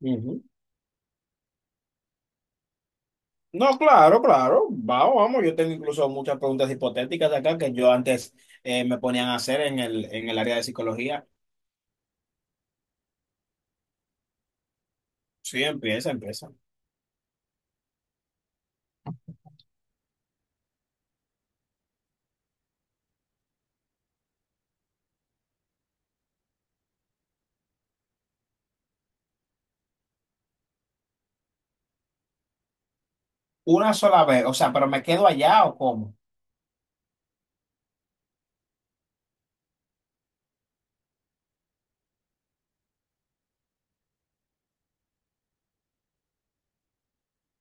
Ujú. No, claro, claro. Vamos, vamos. Yo tengo incluso muchas preguntas hipotéticas de acá que yo antes me ponían a hacer en en el área de psicología. Sí, empieza, empieza. Una sola vez, o sea, ¿pero me quedo allá o cómo?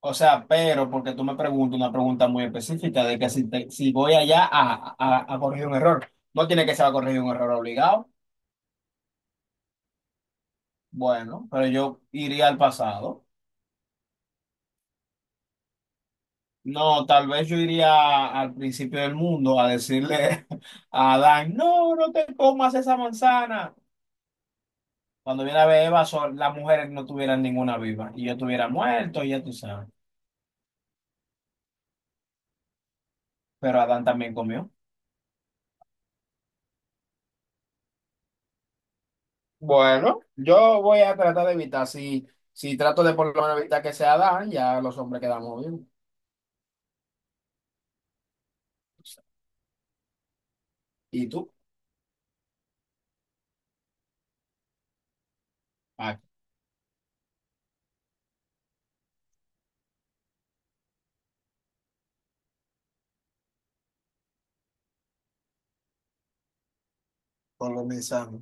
O sea, pero porque tú me preguntas una pregunta muy específica de que si, si voy allá a corregir un error, no tiene que ser a corregir un error obligado. Bueno, pero yo iría al pasado. No, tal vez yo iría al principio del mundo a decirle a Adán, no, no te comas esa manzana. Cuando viene a ver Eva, las mujeres no tuvieran ninguna viva y yo estuviera muerto, ya tú sabes. Pero Adán también comió. Bueno, yo voy a tratar de evitar, si, si trato de por lo menos evitar que sea Dan, ya los hombres quedamos bien. ¿Y tú? Ah, con los mensajes.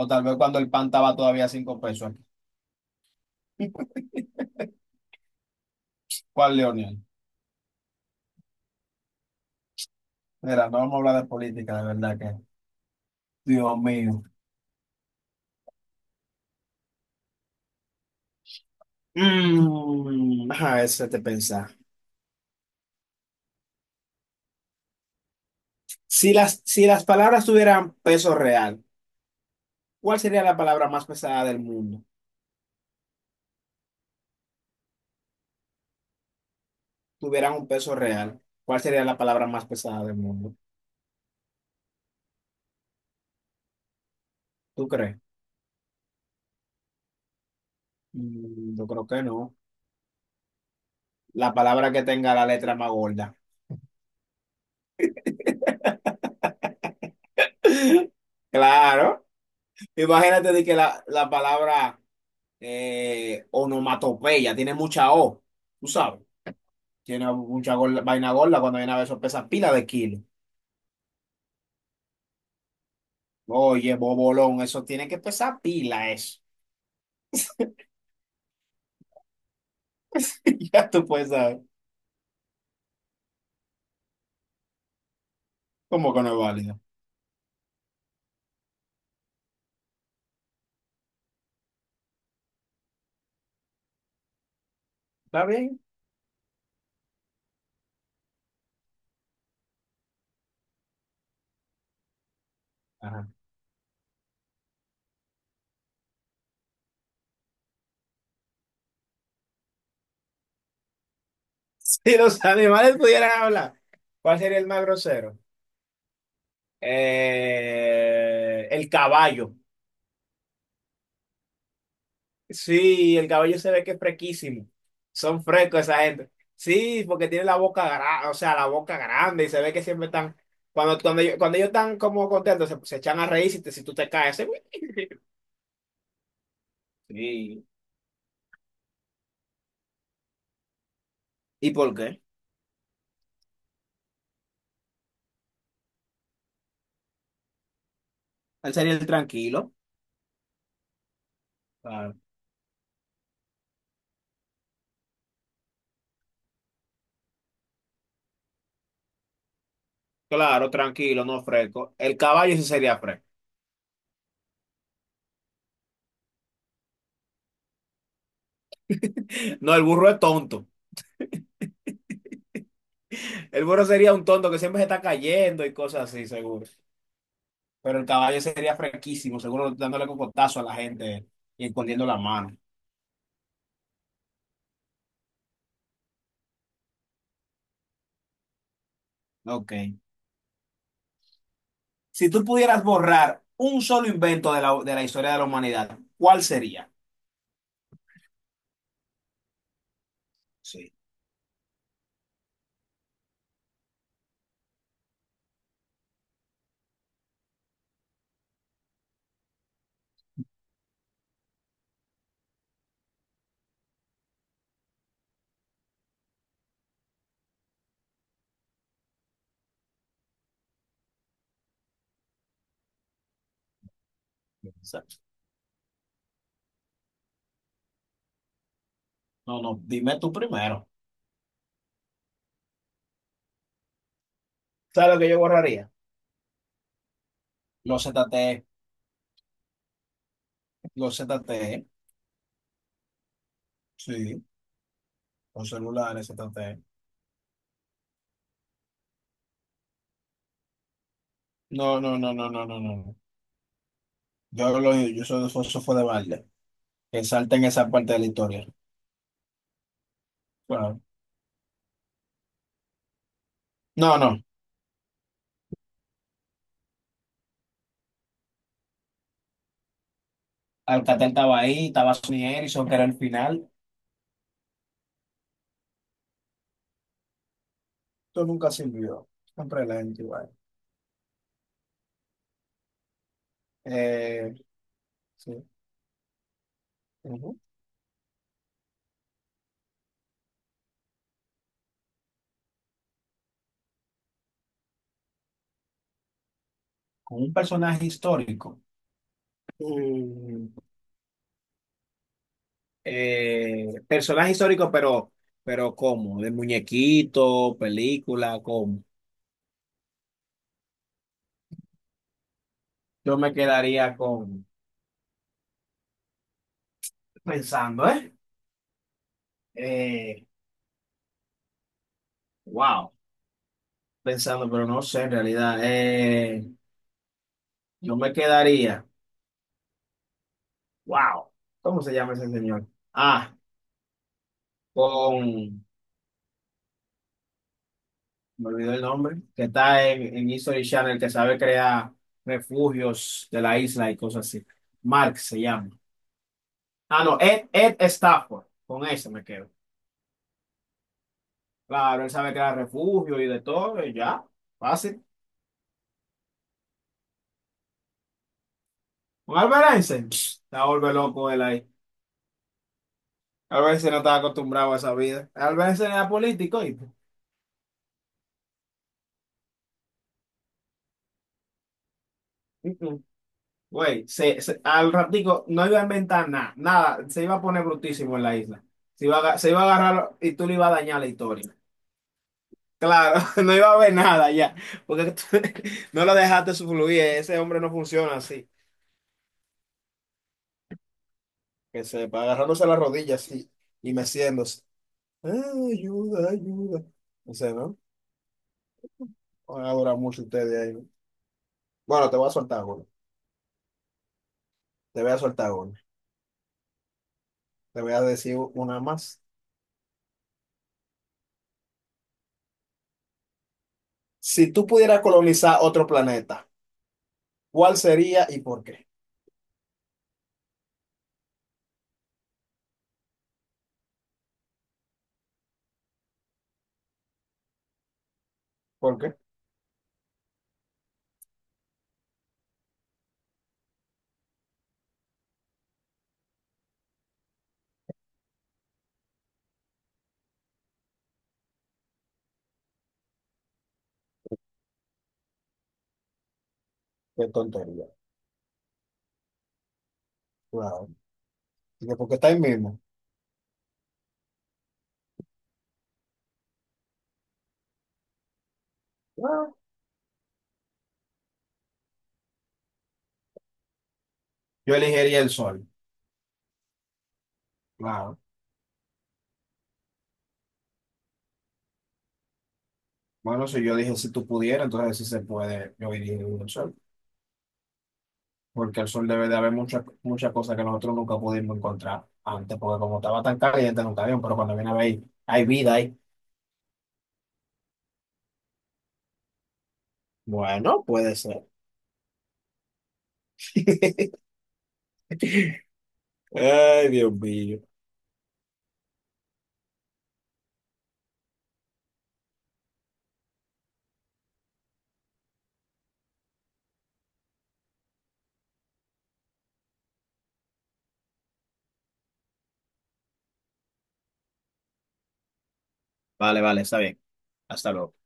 O tal vez cuando el pan estaba todavía a cinco pesos. ¿Cuál, Leonel? Mira, no vamos a hablar de política, de verdad que. Dios mío. Mm, a ver, si te pensar. Si las palabras tuvieran peso real, ¿cuál sería la palabra más pesada del mundo? Tuvieran un peso real, ¿cuál sería la palabra más pesada del mundo? ¿Tú crees? Mm, yo creo que no. La palabra que tenga la letra más gorda. Claro. Imagínate de que la palabra onomatopeya tiene mucha O, tú sabes. Tiene mucha vaina gorda cuando viene a ver eso pesa pila de kilos. Oye, bobolón, eso tiene que pesar pila, eso. Ya tú puedes saber cómo que no es válido. ¿Está bien? Ajá. Si los animales pudieran hablar, ¿cuál sería el más grosero? El caballo. Sí, el caballo se ve que es frequísimo. Son frescos esa gente. Sí, porque tiene la boca grande, o sea, la boca grande y se ve que siempre están, cuando ellos están como contentos, se echan a reír si, si tú te caes. Sí. ¿Y por qué? Él sería el tranquilo. Claro, tranquilo, no fresco. El caballo sí sería fresco. No, el burro es tonto. El burro sería un tonto que siempre se está cayendo y cosas así, seguro. Pero el caballo sería fresquísimo, seguro dándole cocotazo a la gente y escondiendo la mano. Ok. Si tú pudieras borrar un solo invento de de la historia de la humanidad, ¿cuál sería? Sí. Exacto. No, no, dime tú primero. ¿Sabes lo que yo borraría? Los ZTE, los ZTE. Sí, los celulares ZTE. No, no, no, no, no, no, no, no. Yo lo yo soy eso fue de balde. Que salten esa parte de la historia. Bueno, no, no. Alcatel estaba ahí, estaba Sonny Erickson, que era el final. Esto nunca sirvió. Siempre la gente igual. Eh, sí. Ujú. Con un personaje histórico. Mm, personaje histórico, pero ¿cómo? ¿De muñequito, película, cómo? Yo me quedaría con pensando, ¿eh? Eh, wow, pensando, pero no sé en realidad. Yo me quedaría. Wow, ¿cómo se llama ese señor? Ah, con, me olvidó el nombre, que está en History Channel, que sabe crear refugios de la isla y cosas así. Mark se llama. Ah, no, Ed, Ed Stafford, con ese me quedo. Claro, él sabe crear refugio y de todo, y ya, fácil. Un alberense, pss, la vuelve loco él ahí. Alberense no estaba acostumbrado a esa vida. Alberense era político y... Güey, al ratico no iba a inventar nada, nada, se iba a poner brutísimo en la isla. Se iba a, se iba a agarrar y tú le ibas a dañar la historia. Claro, no iba a haber nada ya, porque tú no lo dejaste fluir, ese hombre no funciona así. Que sepa, agarrándose las rodillas así y meciéndose. "Ay, ayuda, ayuda. No sé, ¿no? Van a durar mucho ustedes ahí. ¿No? Bueno, te voy a soltar uno, te voy a soltar uno, te voy a decir una más. Si tú pudieras colonizar otro planeta, ¿cuál sería y por qué? ¿Por qué? Qué tontería. Claro. Digo, porque está ahí mismo. Claro. Yo elegiría el sol. Claro. Bueno, si yo dije si tú pudieras, entonces si se puede, yo elegiría el sol. Porque el sol debe de haber muchas muchas cosas que nosotros nunca pudimos encontrar antes, porque como estaba tan caliente, nunca había, pero cuando viene a ver, hay vida ahí. Bueno, puede ser. Ay, Dios mío. Vale, vale, está bien. Hasta luego.